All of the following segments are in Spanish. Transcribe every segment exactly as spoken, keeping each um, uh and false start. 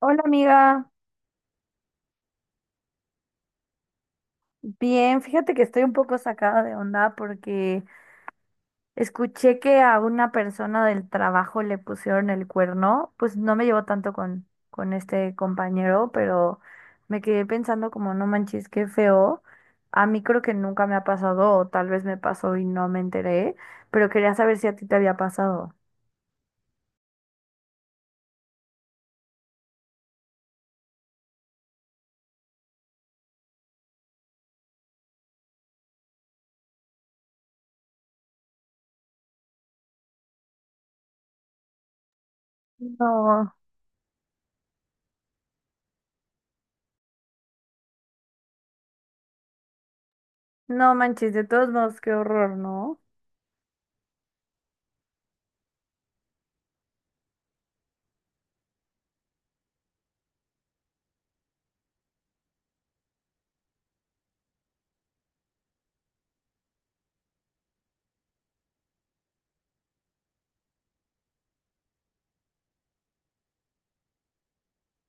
Hola amiga, bien, fíjate que estoy un poco sacada de onda porque escuché que a una persona del trabajo le pusieron el cuerno, pues no me llevo tanto con, con este compañero, pero me quedé pensando como no manches, qué feo. A mí creo que nunca me ha pasado, o tal vez me pasó y no me enteré, pero quería saber si a ti te había pasado. No, no manches, de todos modos, qué horror, ¿no?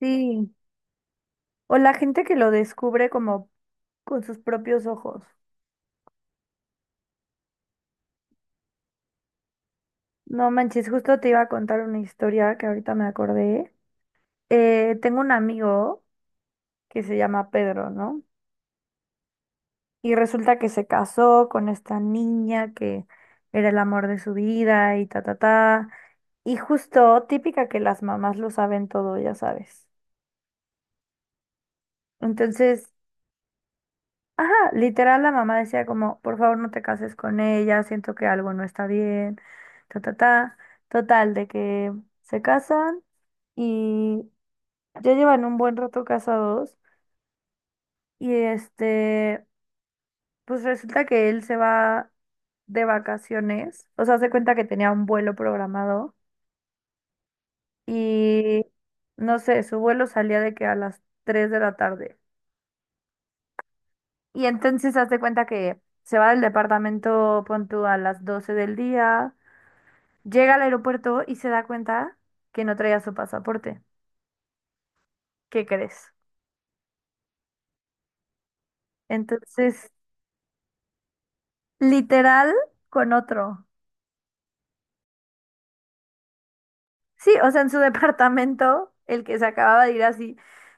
Sí. O la gente que lo descubre como con sus propios ojos. No manches, justo te iba a contar una historia que ahorita me acordé. Eh, tengo un amigo que se llama Pedro, ¿no? Y resulta que se casó con esta niña que era el amor de su vida y ta, ta, ta. Y justo, típica que las mamás lo saben todo, ya sabes. Entonces, ajá, literal la mamá decía como, por favor no te cases con ella, siento que algo no está bien, ta, ta, ta. Total, de que se casan. Y ya llevan un buen rato casados y este, pues resulta que él se va de vacaciones, o sea, hace cuenta que tenía un vuelo programado y no sé, su vuelo salía de que a las tres de la tarde. Y entonces hace cuenta que se va del departamento, pon tú, a las doce del día, llega al aeropuerto y se da cuenta que no traía su pasaporte. ¿Qué crees? Entonces, literal con otro. Sí, o sea, en su departamento, el que se acababa de ir así,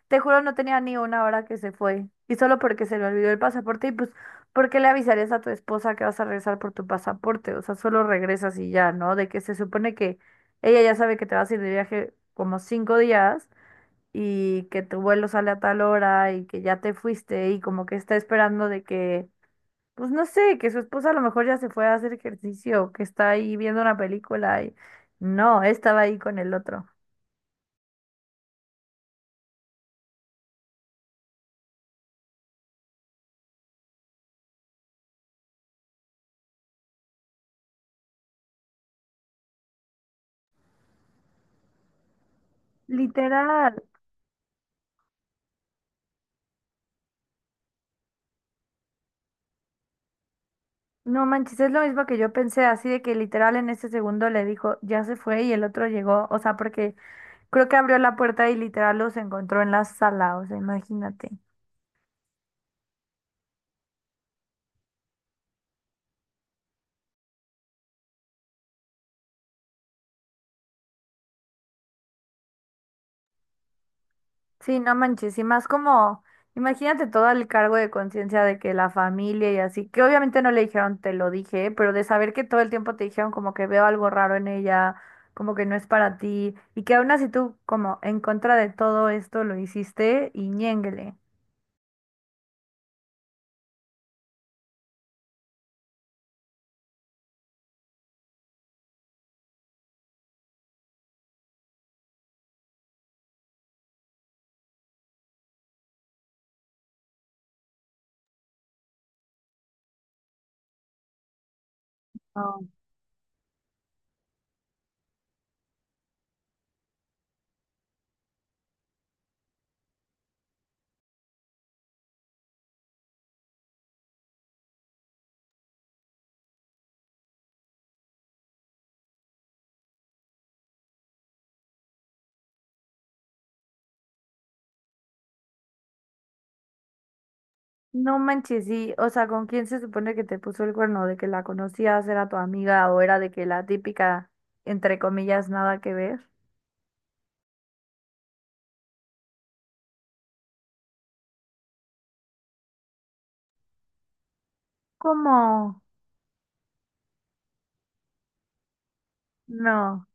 te juro, no tenía ni una hora que se fue. Y solo porque se le olvidó el pasaporte, y pues, ¿por qué le avisarías a tu esposa que vas a regresar por tu pasaporte? O sea, solo regresas y ya, ¿no? De que se supone que ella ya sabe que te vas a ir de viaje como cinco días y que tu vuelo sale a tal hora y que ya te fuiste y como que está esperando de que, pues no sé, que su esposa a lo mejor ya se fue a hacer ejercicio, que está ahí viendo una película y no, estaba ahí con el otro. Literal, no manches, es lo mismo que yo pensé, así de que literal en ese segundo le dijo, ya se fue y el otro llegó, o sea, porque creo que abrió la puerta y literal los encontró en la sala, o sea, imagínate. Sí, no manches, y más como, imagínate todo el cargo de conciencia de que la familia y así, que obviamente no le dijeron te lo dije, pero de saber que todo el tiempo te dijeron como que veo algo raro en ella, como que no es para ti, y que aún así tú como en contra de todo esto lo hiciste y ñénguele. No manches, sí, o sea, ¿con quién se supone que te puso el cuerno? ¿De que la conocías, era tu amiga o era de que la típica, entre comillas, nada que ver? ¿Cómo? No,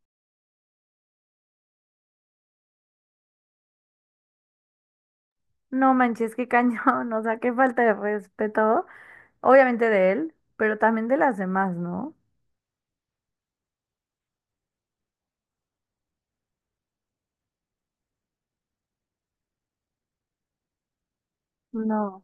no manches, qué cañón, o sea, qué falta de respeto, obviamente de él, pero también de las demás, ¿no? No.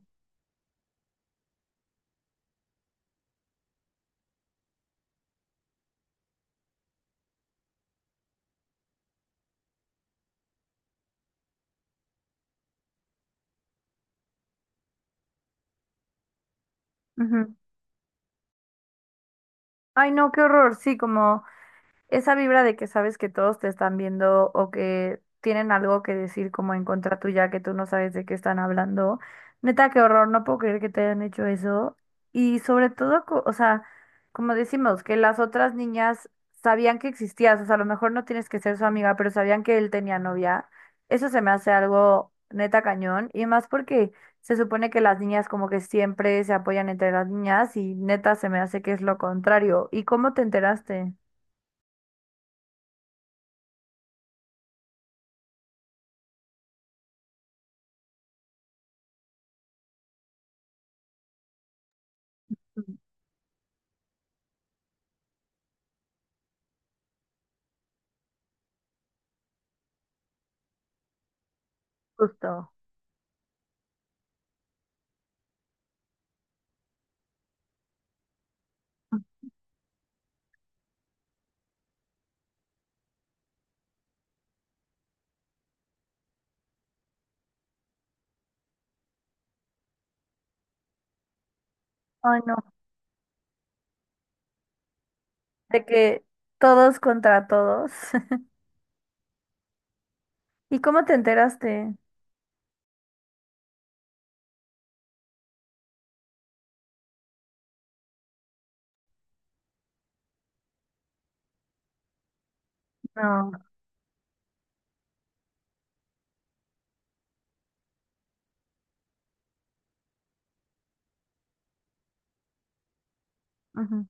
Ujú. Ay, no, qué horror, sí, como... esa vibra de que sabes que todos te están viendo o que tienen algo que decir como en contra tuya que tú no sabes de qué están hablando. Neta, qué horror, no puedo creer que te hayan hecho eso. Y sobre todo, co- o sea, como decimos, que las otras niñas sabían que existías, o sea, a lo mejor no tienes que ser su amiga, pero sabían que él tenía novia. Eso se me hace algo neta cañón y más porque se supone que las niñas como que siempre se apoyan entre las niñas y neta se me hace que es lo contrario. ¿Y cómo te enteraste? Justo. Ay, no. De que todos contra todos. ¿Y cómo te enteraste? No. Ujú.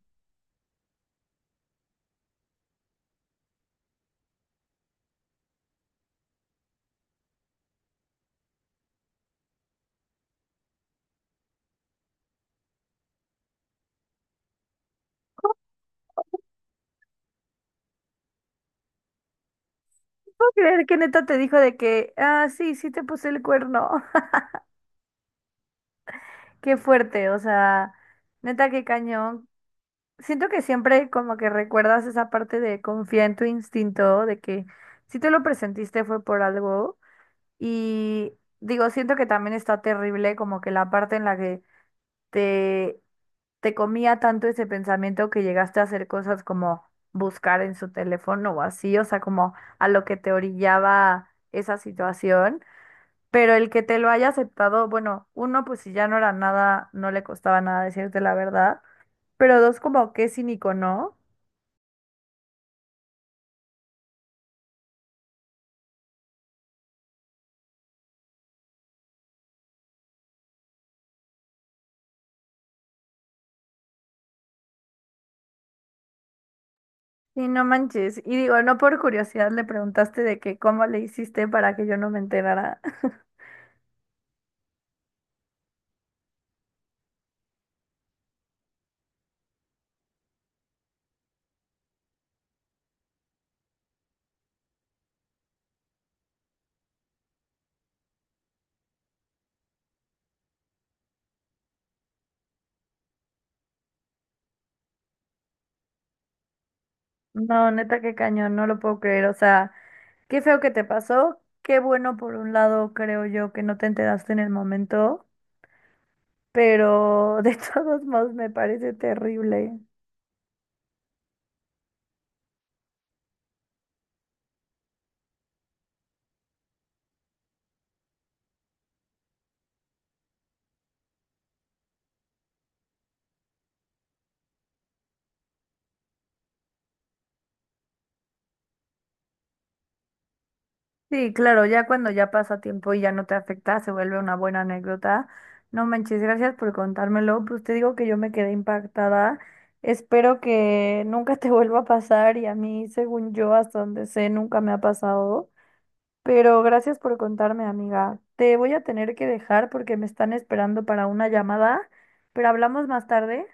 ¿Puedo creer que neta te dijo de que, ah, sí, sí te puse el cuerno? Qué fuerte, o sea, neta, qué cañón. Siento que siempre como que recuerdas esa parte de confiar en tu instinto, de que si te lo presentiste fue por algo. Y digo, siento que también está terrible como que la parte en la que te Te comía tanto ese pensamiento que llegaste a hacer cosas como buscar en su teléfono o así, o sea, como a lo que te orillaba esa situación. Pero el que te lo haya aceptado, bueno, uno, pues si ya no era nada, no le costaba nada decirte la verdad. Pero dos, como qué cínico, ¿no? Y no manches. Y digo, no por curiosidad le preguntaste de que cómo le hiciste para que yo no me enterara. No, neta, qué cañón, no lo puedo creer. O sea, qué feo que te pasó. Qué bueno por un lado, creo yo, que no te enteraste en el momento, pero de todos modos me parece terrible. Sí, claro, ya cuando ya pasa tiempo y ya no te afecta, se vuelve una buena anécdota. No manches, gracias por contármelo. Pues te digo que yo me quedé impactada. Espero que nunca te vuelva a pasar y a mí, según yo, hasta donde sé, nunca me ha pasado. Pero gracias por contarme, amiga. Te voy a tener que dejar porque me están esperando para una llamada, pero hablamos más tarde.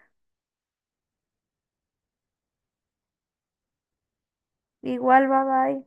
Igual, bye bye.